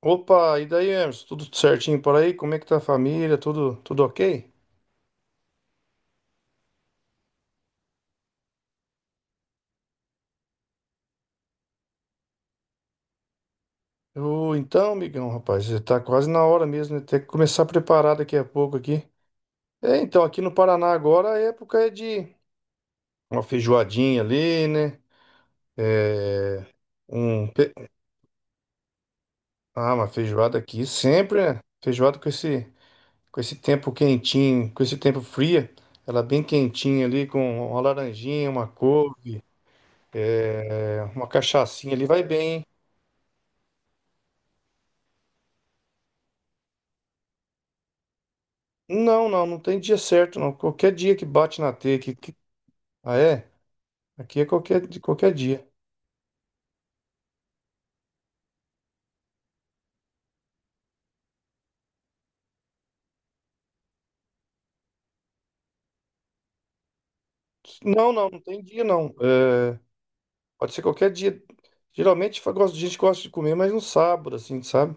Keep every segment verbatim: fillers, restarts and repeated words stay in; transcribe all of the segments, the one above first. Opa, e daí, Emerson? Tudo certinho por aí? Como é que tá a família? Tudo, tudo ok? Ô, então, amigão, rapaz, já tá quase na hora mesmo, né? Tem que começar a preparar daqui a pouco aqui. É, então, aqui no Paraná agora a época é de uma feijoadinha ali, né? Um, pe- ah, uma feijoada aqui sempre, né? Feijoada com esse, com esse tempo quentinho, com esse tempo fria. Ela bem quentinha ali, com uma laranjinha, uma couve, uma cachaçinha ali, vai bem, hein? Não, não, não tem dia certo, não. Qualquer dia que bate na teia que. Ah, é? Aqui é qualquer, de qualquer dia. Não, não, não tem dia, não. É, pode ser qualquer dia. Geralmente eu gosto- a gente gosta de comer, mas no sábado, assim, sabe?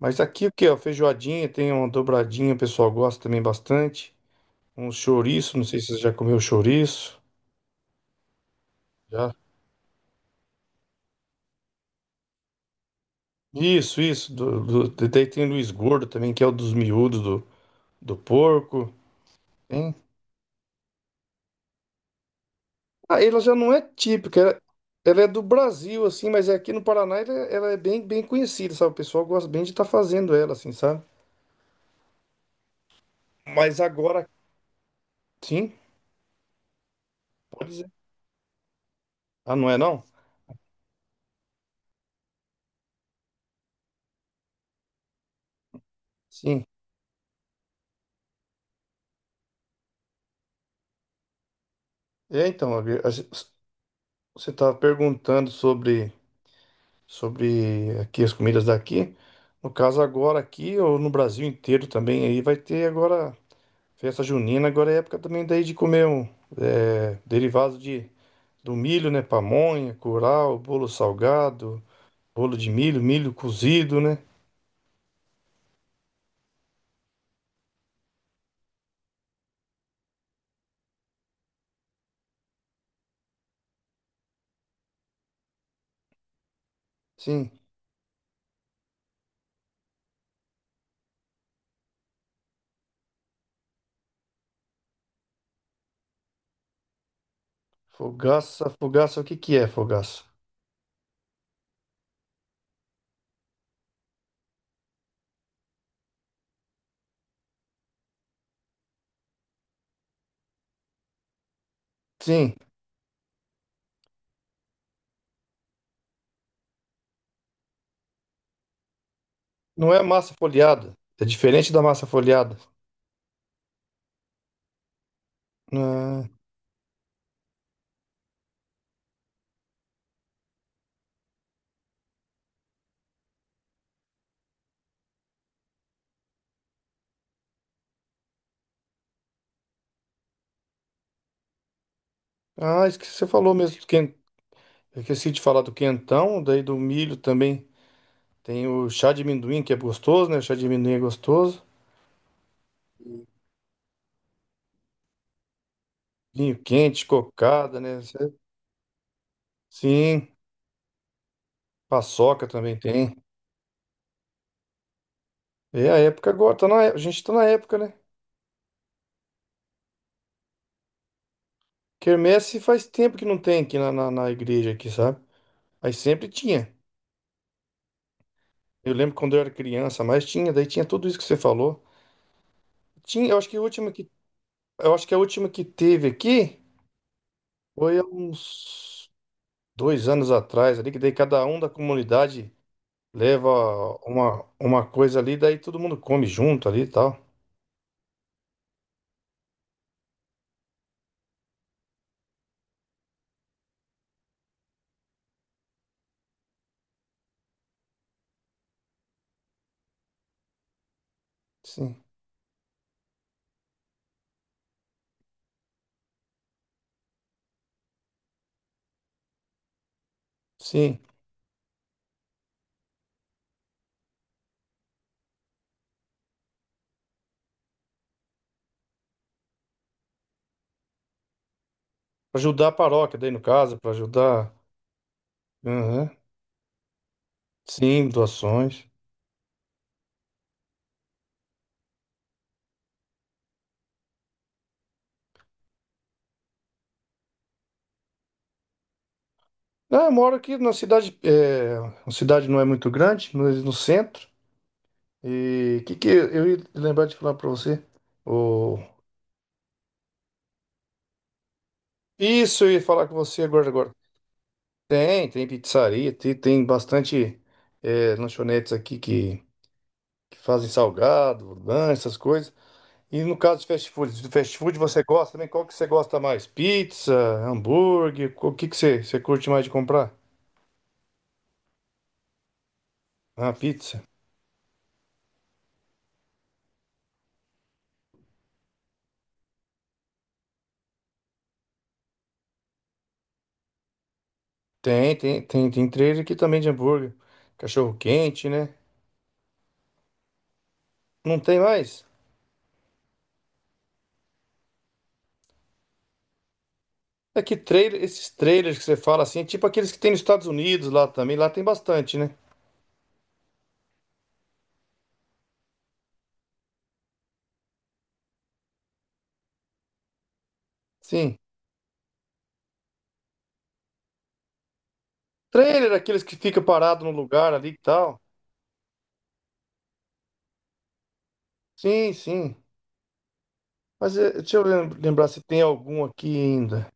Mas aqui o que, ó, feijoadinha, tem uma dobradinha, o pessoal gosta também bastante. Um chouriço, não sei se você já comeu chouriço. Já? Isso, isso. Do, do- daí tem o Luiz Gordo também, que é o dos miúdos do, do porco. Hein? Ah, ela já não é típica, ela, ela é do Brasil, assim, mas é aqui no Paraná ela, é ela é bem, bem conhecida, sabe? O pessoal gosta bem de estar fazendo ela, assim, sabe? Mas agora, sim, pode dizer. Ah, não é não? Sim. É, então, a- a- você estava perguntando sobre, sobre aqui as comidas daqui. No caso, agora aqui, ou no Brasil inteiro também, aí vai ter agora festa junina, agora é época também daí de comer um é, derivado de, do milho, né? Pamonha, curau, bolo salgado. Bolo de milho, milho cozido, né? Sim. Fogaça, fogaça, o que que é fogaça? Sim, não é massa folhada. É diferente da massa folhada. Ah, ah, esqueci, você falou mesmo do quen- eu esqueci de falar do quentão, daí do milho também. Tem o chá de amendoim, que é gostoso, né? O chá de amendoim é gostoso. Vinho quente, cocada, né? Cê-. Sim, paçoca também tem. É a época agora, tá na, é- a gente tá na época, né? Quermesse faz tempo que não tem aqui na, na, na igreja aqui, sabe? Aí sempre tinha. Eu lembro quando eu era criança, mas tinha, daí tinha tudo isso que você falou. Tinha, eu acho que a última que, eu acho que a última que teve aqui foi há uns dois anos atrás ali, que daí cada um da comunidade leva uma, uma coisa ali, daí todo mundo come junto ali e tal. Sim, sim. Pra ajudar a paróquia, daí no caso, para ajudar. Aham. Sim, doações. Ah, eu moro aqui na cidade, é, a cidade não é muito grande, mas no centro. E o que, que eu ia lembrar de falar para você? O. Isso, eu ia falar com você agora, agora. Tem, tem pizzaria, tem, tem bastante é, lanchonetes aqui que, que fazem salgado, lanche, essas coisas. E no caso de fast food, do fast food você gosta também? Qual que você gosta mais? Pizza, hambúrguer? O que que você, você curte mais de comprar? Ah, pizza. Tem, tem, tem, tem trailer aqui também de hambúrguer. Cachorro quente, né? Não tem mais? É que trailer, esses trailers que você fala assim, é tipo aqueles que tem nos Estados Unidos lá também, lá tem bastante, né? Sim. Trailer, aqueles que fica parado no lugar ali e tal. Sim, sim. Mas eh, deixa eu lem- lembrar se tem algum aqui ainda.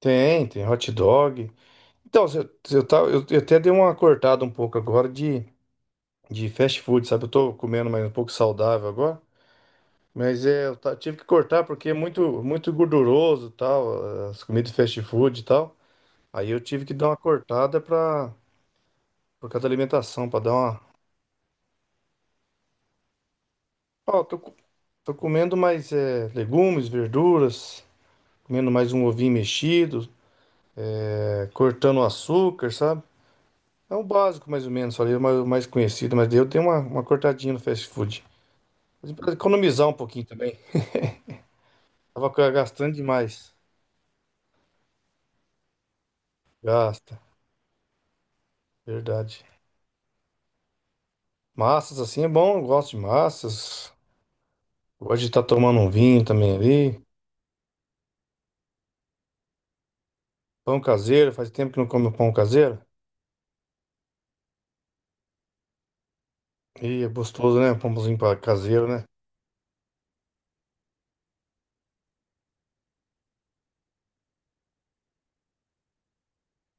Tem, tem hot dog. Então, se eu, se eu, tava- eu- eu até dei uma cortada um pouco agora de, de fast food, sabe? Eu tô comendo mais um pouco saudável agora. Mas é, eu ta- tive que cortar porque é muito, muito gorduroso e tal, as comidas fast food e tal. Aí eu tive que dar uma cortada pra, por causa da alimentação, pra dar uma. Ó, tô, co- tô comendo mais eh, legumes, verduras, comendo mais um ovinho mexido, é, cortando o açúcar, sabe? É o básico, mais ou menos, ali, o mais, o mais conhecido, mas daí eu tenho uma, uma cortadinha no fast food. Mas pra economizar um pouquinho também. Tava gastando demais. Gasta, verdade. Massas assim é bom, eu gosto de massas. Hoje tá tomando um vinho também ali. Pão caseiro, faz tempo que não como pão caseiro. E é gostoso, né? Pãozinho pa- caseiro, né?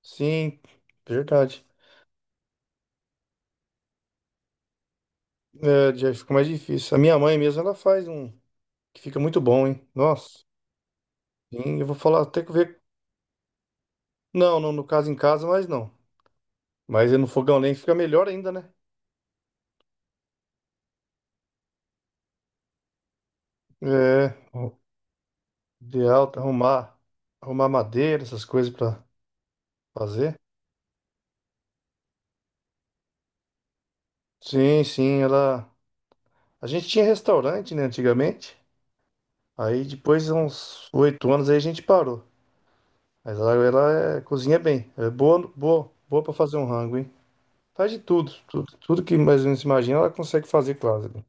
Sim, verdade. É, já fica mais difícil. A minha mãe mesmo, ela faz um que fica muito bom, hein? Nossa. Sim, eu vou falar, tem que ver. Não, não, no caso em casa, mas não. Mas no fogão a lenha fica melhor ainda, né? É, o ideal é arrumar, arrumar madeira, essas coisas pra fazer. Sim, sim, ela. A gente tinha restaurante, né, antigamente. Aí depois de uns oito anos aí a gente parou. Mas ela, ela é- cozinha bem. É boa, no- boa, boa para fazer um rango, hein? Faz de tudo, tudo, tudo que mais ou menos se imagina, ela consegue fazer quase, né?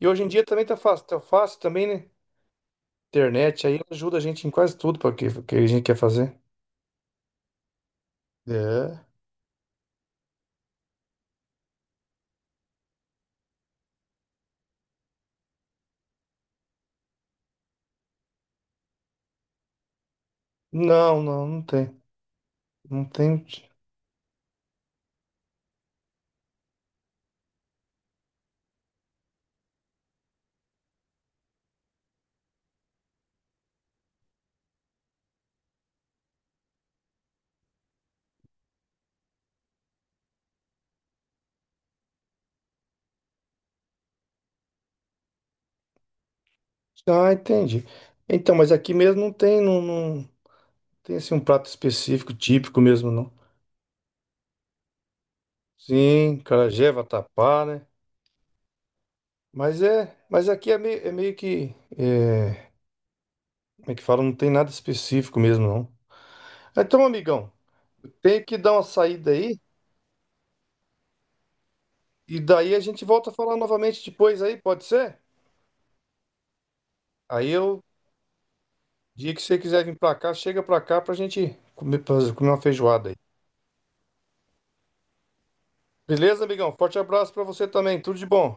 E hoje em dia também tá fácil, tá fácil também, né? Internet aí ajuda a gente em quase tudo para que, que a gente quer fazer. É. Não, não, não tem. Não tem. Ah, entendi. Então, mas aqui mesmo não tem, não, não tem assim um prato específico, típico mesmo, não. Sim, acarajé, vatapá, né? Mas é, mas aqui é meio, é meio que, é, como é que fala? Não tem nada específico mesmo, não. Então, amigão, tenho que dar uma saída aí e daí a gente volta a falar novamente depois aí, pode ser? Aí eu. Dia que você quiser vir pra cá, chega pra cá pra gente comer, fazer- comer uma feijoada aí. Beleza, amigão? Forte abraço pra você também. Tudo de bom.